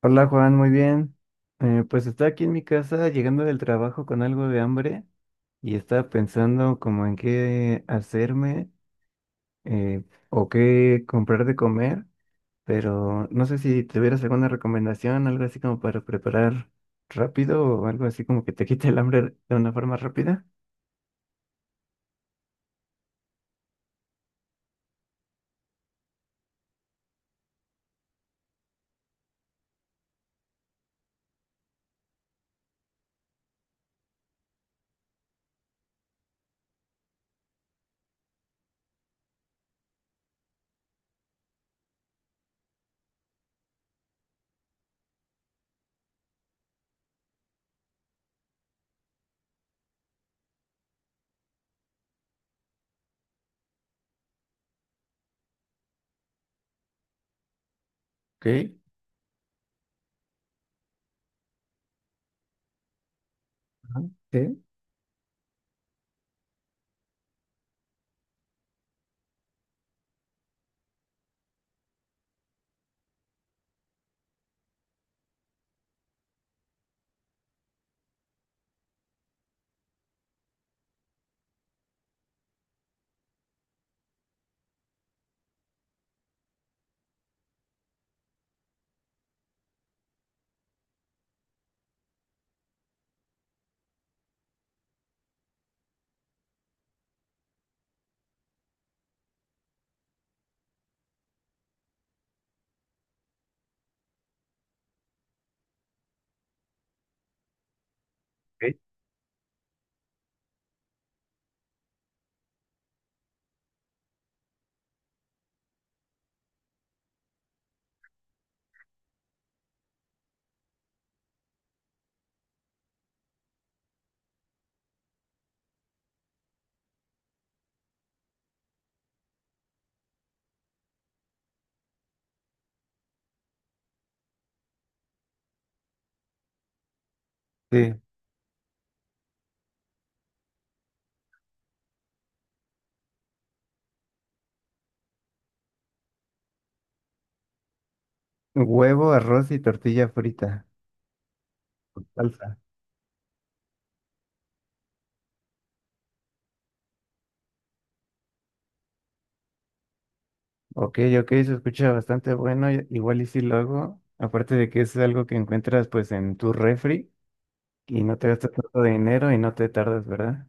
Hola Juan, muy bien. Pues estoy aquí en mi casa llegando del trabajo con algo de hambre y estaba pensando como en qué hacerme eh, o qué comprar de comer, pero no sé si tuvieras alguna recomendación, algo así como para preparar rápido o algo así como que te quite el hambre de una forma rápida. Ok. Ajá. Sí. Ok. Sí. Huevo, arroz y tortilla frita. Salsa. Ok, ok, se escucha bastante bueno, i- igual y si lo hago, aparte de que es algo que encuentras pues en tu refri y no te gastas tanto dinero y no te tardas, ¿verdad?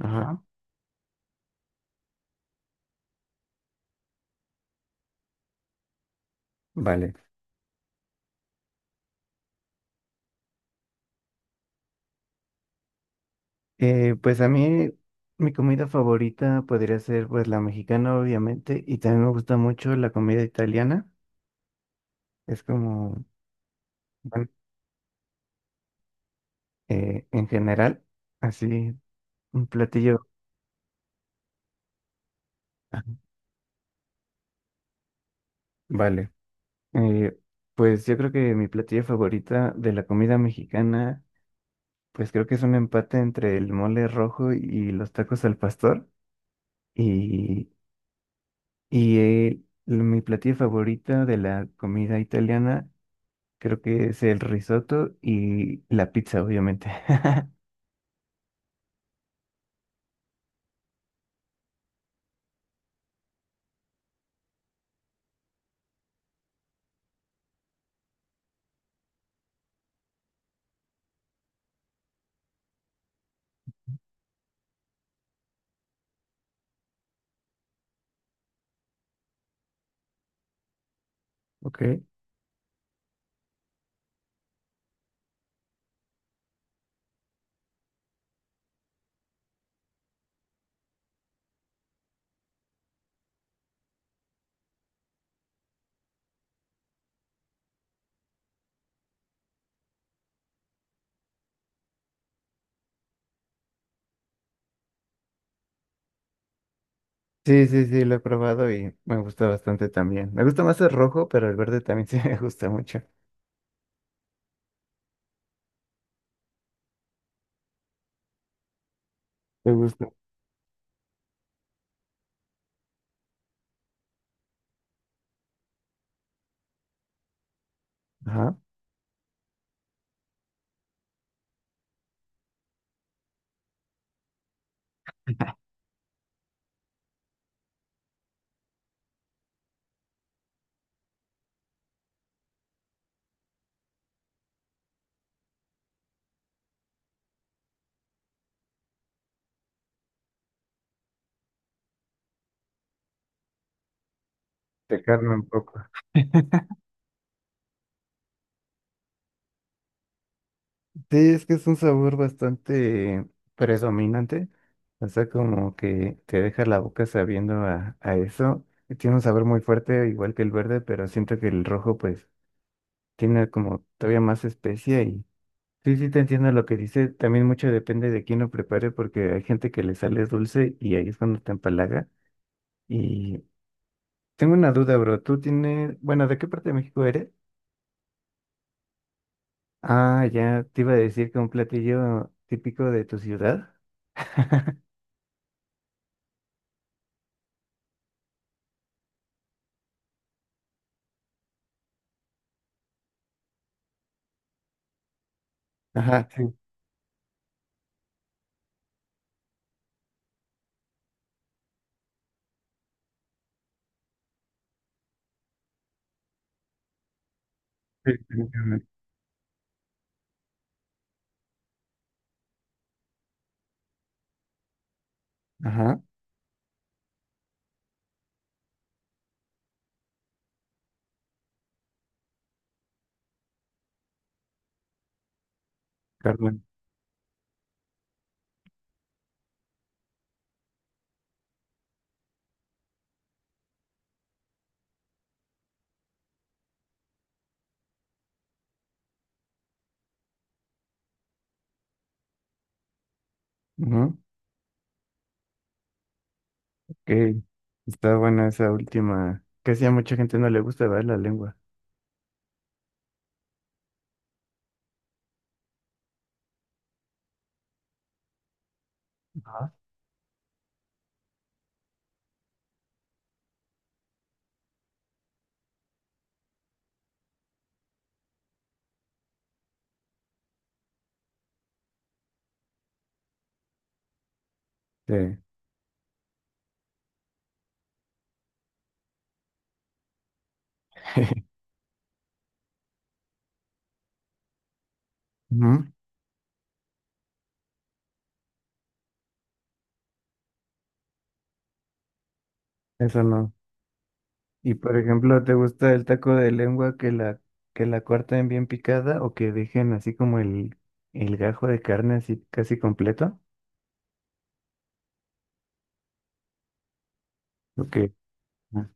Ajá, vale. Pues a mí mi comida favorita podría ser pues la mexicana obviamente y también me gusta mucho la comida italiana, es como, bueno, en general, así un platillo. Ajá, vale. Eh, pues yo creo que mi platillo favorita de la comida mexicana... Pues creo que es un empate entre el mole rojo y los tacos al pastor. Y, y mi platillo favorito de la comida italiana creo que es el risotto y la pizza, obviamente. Ok. Sí, sí, sí, lo he probado y me gusta bastante también. Me gusta más el rojo, pero el verde también sí me gusta mucho. Me gusta. Ajá. Pecarme un poco. Sí, es que es un sabor bastante predominante, o sea, como que te deja la boca sabiendo a eso. Y tiene un sabor muy fuerte, igual que el verde, pero siento que el rojo pues tiene como todavía más especia y sí, sí te entiendo lo que dice. También mucho depende de quién lo prepare porque hay gente que le sale dulce y ahí es cuando te empalaga. Y tengo una duda, bro, ¿tú tienes, bueno, de qué parte de México eres? Ah, ya te iba a decir que un platillo típico de tu ciudad. Ajá. Sí, definitivamente. Ajá, Carmen. Ajá. Ok. Está buena esa última. Casi a mucha gente no le gusta, ver la lengua. Ajá. Sí. Ujú. Eso no. Y por ejemplo, ¿te gusta el taco de lengua que la corten bien picada o que dejen así como el gajo de carne así casi completo? Ok. Ah,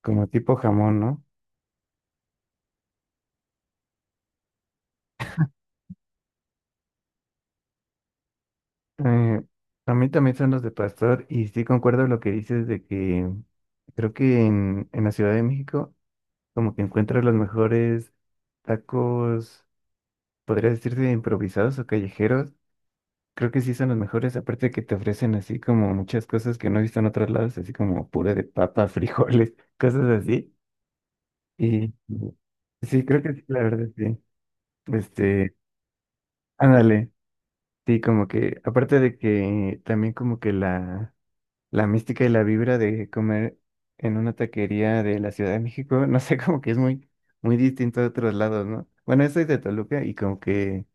como tipo jamón, ¿no? Eh, a mí también son los de pastor y sí concuerdo lo que dices de que creo que en la Ciudad de México como que encuentras los mejores tacos, podría decirse improvisados o callejeros. Creo que sí son los mejores, aparte de que te ofrecen así como muchas cosas que no he visto en otros lados, así como puré de papa, frijoles, cosas así. Y sí, creo que sí, la verdad, sí. Este, ándale, sí, como que, aparte de que también como que la mística y la vibra de comer en una taquería de la Ciudad de México, no sé, como que es muy, muy distinto de otros lados, ¿no? Bueno, yo soy de Toluca y como que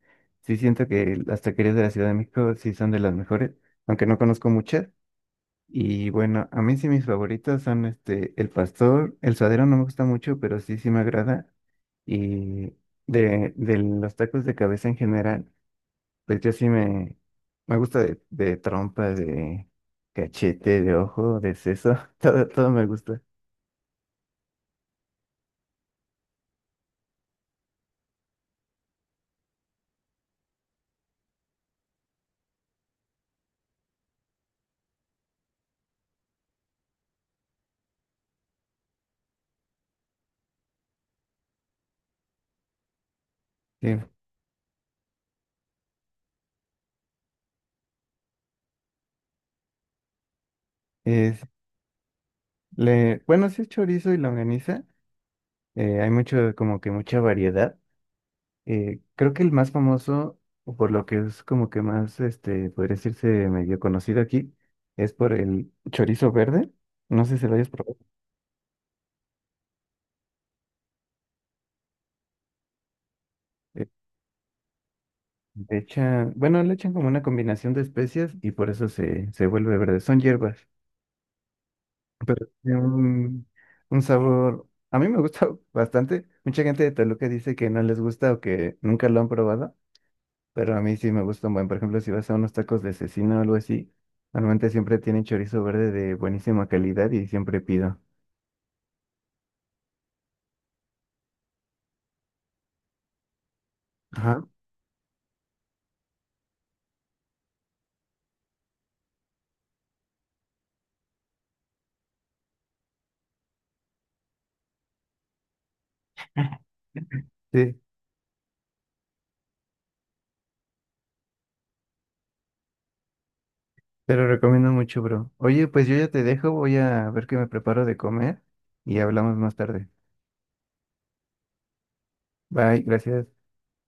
sí siento que las taquerías de la Ciudad de México sí son de las mejores, aunque no conozco muchas. Y bueno, a mí sí mis favoritos son este, el pastor, el suadero no me gusta mucho, pero sí, sí me agrada. Y de los tacos de cabeza en general. Pues yo sí me gusta de trompa, de cachete, de ojo, de seso, todo, todo me gusta. Sí, es, le, bueno, sí es chorizo y longaniza, hay mucho, como que mucha variedad. Creo que el más famoso, o por lo que es como que más, este, podría decirse medio conocido aquí, es por el chorizo verde. No sé si lo hayas probado. Eh, Le echan, bueno, le echan como una combinación de especias y por eso se vuelve verde. Son hierbas. Pero tiene un sabor. A mí me gusta bastante. Mucha gente de Toluca dice que no les gusta o que nunca lo han probado, pero a mí sí me gusta un buen. Por ejemplo, si vas a unos tacos de cecina o algo así, normalmente siempre tienen chorizo verde de buenísima calidad y siempre pido. Ajá, sí, te lo recomiendo mucho, bro. Oye, pues yo ya te dejo, voy a ver qué me preparo de comer y hablamos más tarde. Bye, gracias.